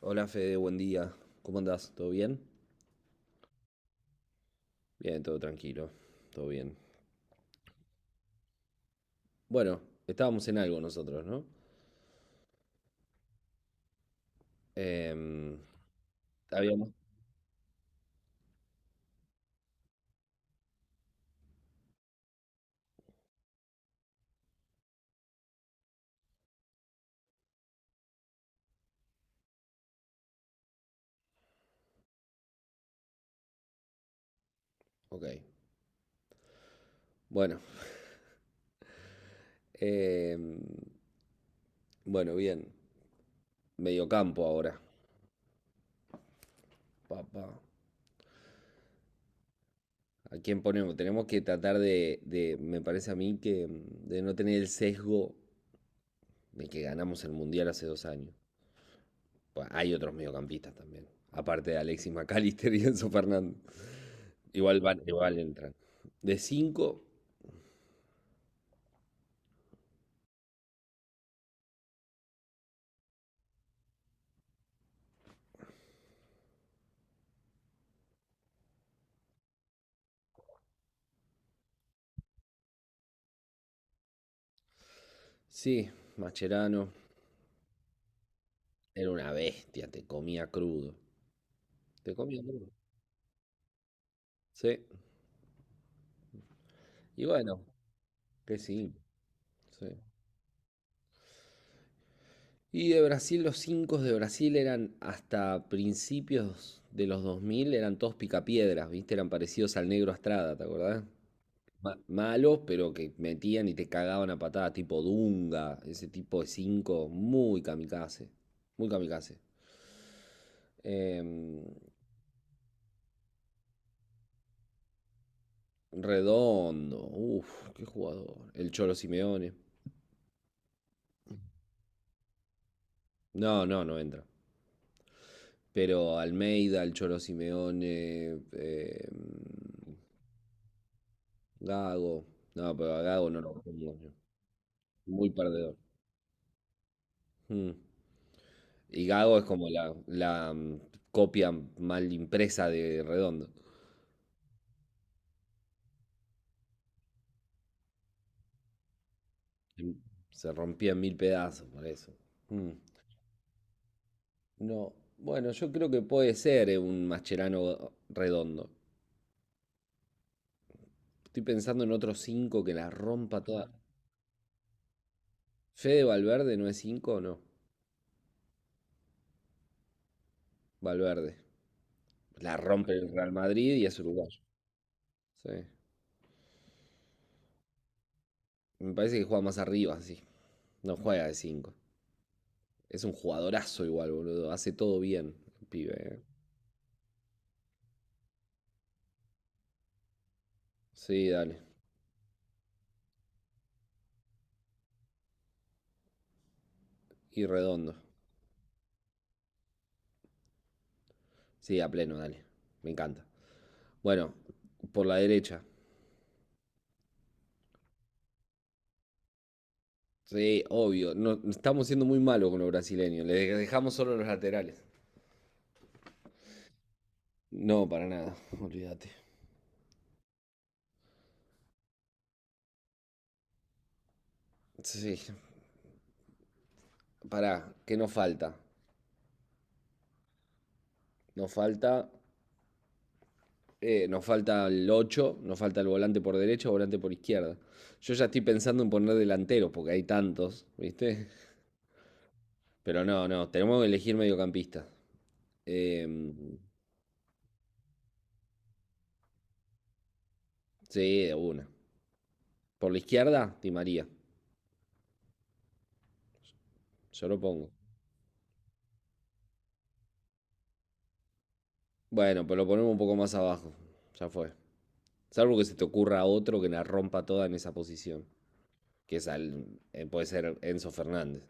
Hola Fede, buen día. ¿Cómo andás? ¿Todo bien? Bien, todo tranquilo, todo bien. Bueno, estábamos en algo nosotros, ¿no? Em, Habíamos. Ok, bueno. Em, bueno, bien. Mediocampo ahora. Papá. ¿A quién ponemos? Tenemos que tratar me parece a mí que de no tener el sesgo de que ganamos el Mundial hace 2 años. Pues hay otros mediocampistas también, aparte de Alexis McAllister y Enzo Fernández. Igual van, igual entran. De 5 sí, Mascherano era una bestia, te comía crudo. Te comía crudo. Sí. Y bueno, que sí, sí. Y de Brasil, los 5 de Brasil eran hasta principios de los 2000, eran todos picapiedras, ¿viste? Eran parecidos al Negro Estrada, ¿te acordás? Malos, pero que metían y te cagaban a patada, tipo Dunga, ese tipo de 5 muy kamikaze, muy kamikaze. Em, Redondo, ¡uf!, qué jugador. El Cholo Simeone. No, no, no entra. Pero Almeida, el Cholo Simeone, Gago. No, pero a Gago no lo pongo yo. Muy perdedor. Mm. Y Gago es como la, copia mal impresa de Redondo. Em, Se rompía en mil pedazos por eso. Mm. No, bueno, yo creo que puede ser un Mascherano Redondo. Estoy pensando en otros cinco que la rompa toda. Fede Valverde no es 5, no. Valverde. La rompe el Real Madrid y es uruguayo. Sí. Me parece que juega más arriba, sí. No juega de 5. Es un jugadorazo igual, boludo. Hace todo bien, el pibe. Sí, dale. Y redondo. Sí, a pleno, dale. Me encanta. Bueno, por la derecha. Sí, obvio. No, estamos siendo muy malos con los brasileños. Le dejamos solo los laterales. No, para nada. Olvídate. Sí, pará. ¿Qué nos falta? Nos falta nos falta el 8, nos falta el volante por derecha, volante por izquierda. Yo ya estoy pensando en poner delanteros, porque hay tantos, ¿viste? Pero no, no, tenemos que elegir mediocampista. Eh, sí, de una. Por la izquierda, Di María. Yo lo pongo. Bueno, pero lo ponemos un poco más abajo. Ya fue. Salvo que se te ocurra otro que la rompa toda en esa posición. Que es al- puede ser Enzo Fernández.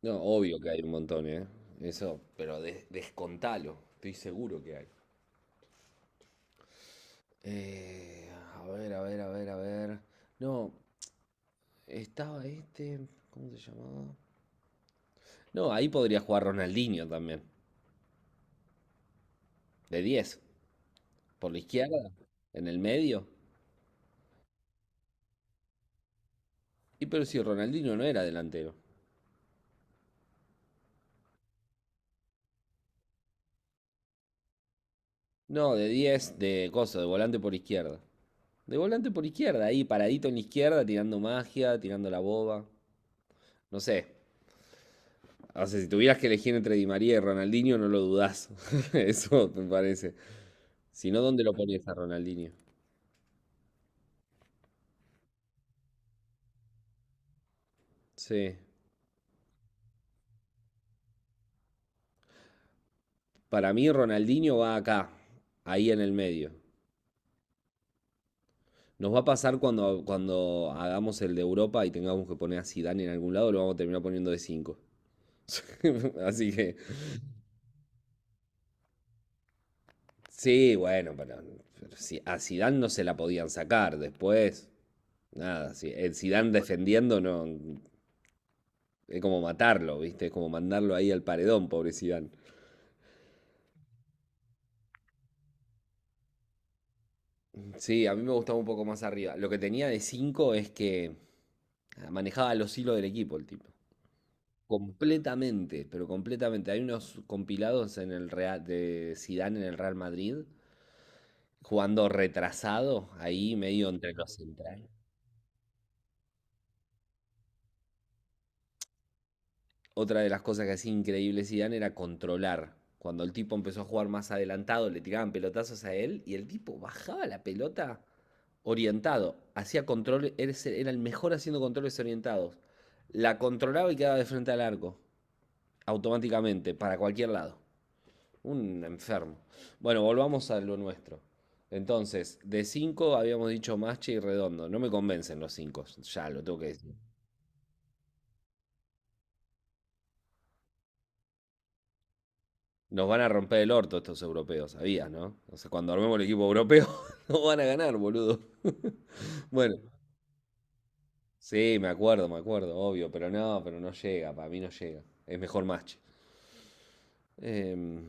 No, obvio que hay un montón, ¿eh? Eso, pero descontalo. Estoy seguro que hay. A ver, a ver, a ver, a ver. No, estaba este. ¿Cómo se llamaba? No, ahí podría jugar Ronaldinho también. De 10, por la izquierda, en el medio. Y pero si Ronaldinho no era delantero. No, de diez, de cosa, de volante por izquierda. De volante por izquierda, ahí paradito en la izquierda, tirando magia, tirando la boba. No sé. O sea, si tuvieras que elegir entre Di María y Ronaldinho, no lo dudás. Eso me parece. Si no, ¿dónde lo ponías a Ronaldinho? Sí. Para mí Ronaldinho va acá, ahí en el medio. Nos va a pasar cuando hagamos el de Europa y tengamos que poner a Zidane en algún lado, lo vamos a terminar poniendo de 5. Así que, sí, bueno, pero si a Zidane no se la podían sacar después. Nada, si, el Zidane defendiendo no, es como matarlo, ¿viste? Es como mandarlo ahí al paredón, pobre Zidane. Sí, a mí me gustaba un poco más arriba. Lo que tenía de 5 es que manejaba los hilos del equipo el tipo. Completamente, pero completamente. Hay unos compilados en el Real, de Zidane en el Real Madrid, jugando retrasado, ahí medio entre los centrales. Otra de las cosas que hacía increíble Zidane era controlar. Cuando el tipo empezó a jugar más adelantado, le tiraban pelotazos a él y el tipo bajaba la pelota orientado, hacía controles, era el mejor haciendo controles orientados. La controlaba y quedaba de frente al arco, automáticamente, para cualquier lado. Un enfermo. Bueno, volvamos a lo nuestro. Entonces, de 5 habíamos dicho Masche y Redondo. No me convencen los cinco, ya lo tengo que decir. Nos van a romper el orto estos europeos, sabías, ¿no? O sea, cuando armemos el equipo europeo, no van a ganar, boludo. Bueno, sí, me acuerdo, obvio, pero no llega, para mí no llega. Es mejor Masche. Em,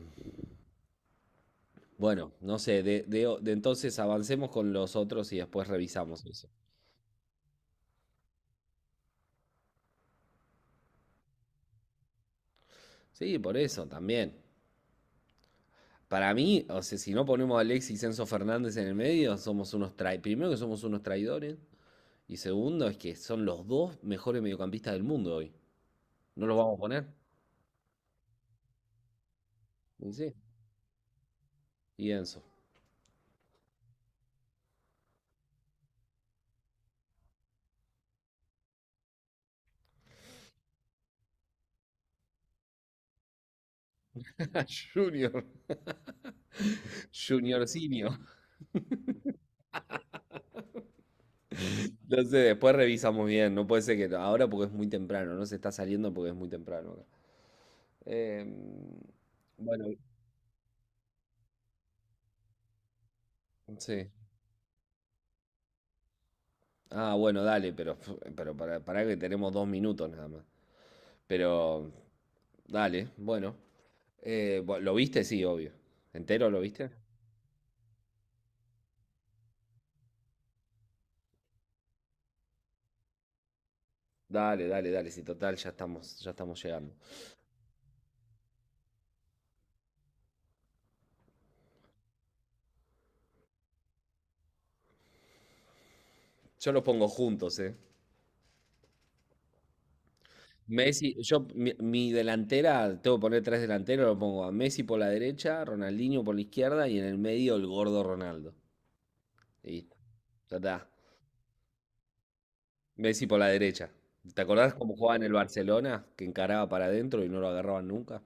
bueno, no sé, de entonces avancemos con los otros y después revisamos eso. Sí, por eso también. Para mí, o sea, si no ponemos a Alexis y Enzo Fernández en el medio, somos unos traidores. Primero que somos unos traidores. Y segundo, es que son los dos mejores mediocampistas del mundo hoy. ¿No los vamos a poner? Sí. Y Enzo. Junior. Juniorcinio. No sé, después revisamos bien. No puede ser que ahora porque es muy temprano. No se está saliendo porque es muy temprano, acá. Eh, bueno, sí. Ah, bueno, dale, pero para, que tenemos 2 minutos nada más. Pero, dale, bueno. ¿Lo viste? Sí, obvio. ¿Entero lo viste? Dale, dale, dale. Sí, total, ya estamos llegando. Yo los pongo juntos, ¿eh? Messi, mi delantera, tengo que poner tres delanteros, lo pongo a Messi por la derecha, Ronaldinho por la izquierda y en el medio el gordo Ronaldo. Listo, ya está. Messi por la derecha. ¿Te acordás cómo jugaba en el Barcelona? Que encaraba para adentro y no lo agarraban nunca.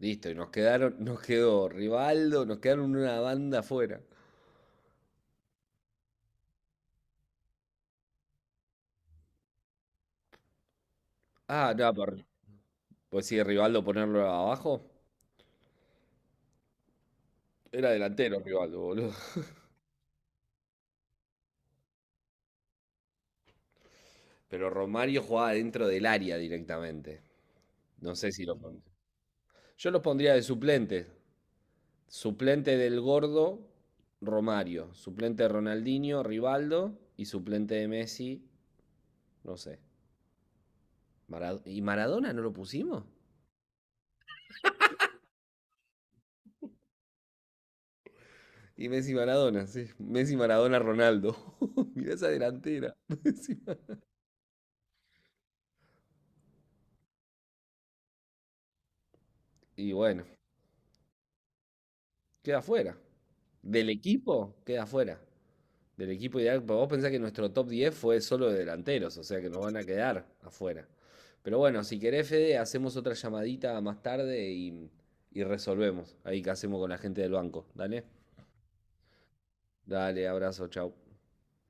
Listo, y nos quedaron, nos quedó Rivaldo, nos quedaron una banda afuera. Ah, no, pues sí, Rivaldo ponerlo abajo. Era delantero Rivaldo, boludo. Pero Romario jugaba dentro del área directamente. No sé si lo pon- Yo los pondría de suplente. Suplente del gordo, Romario. Suplente de Ronaldinho, Rivaldo. Y suplente de Messi, no sé. ¿Y Maradona no lo pusimos? Y Messi Maradona, sí. Messi Maradona Ronaldo. Mirá esa delantera. Messi, Mar- y bueno, queda fuera. Del equipo, queda fuera. Del equipo ideal. Vos pensás que nuestro top 10 fue solo de delanteros, o sea que nos van a quedar afuera. Pero bueno, si querés, Fede, hacemos otra llamadita más tarde y resolvemos ahí qué hacemos con la gente del banco. Dale, dale, abrazo, chau.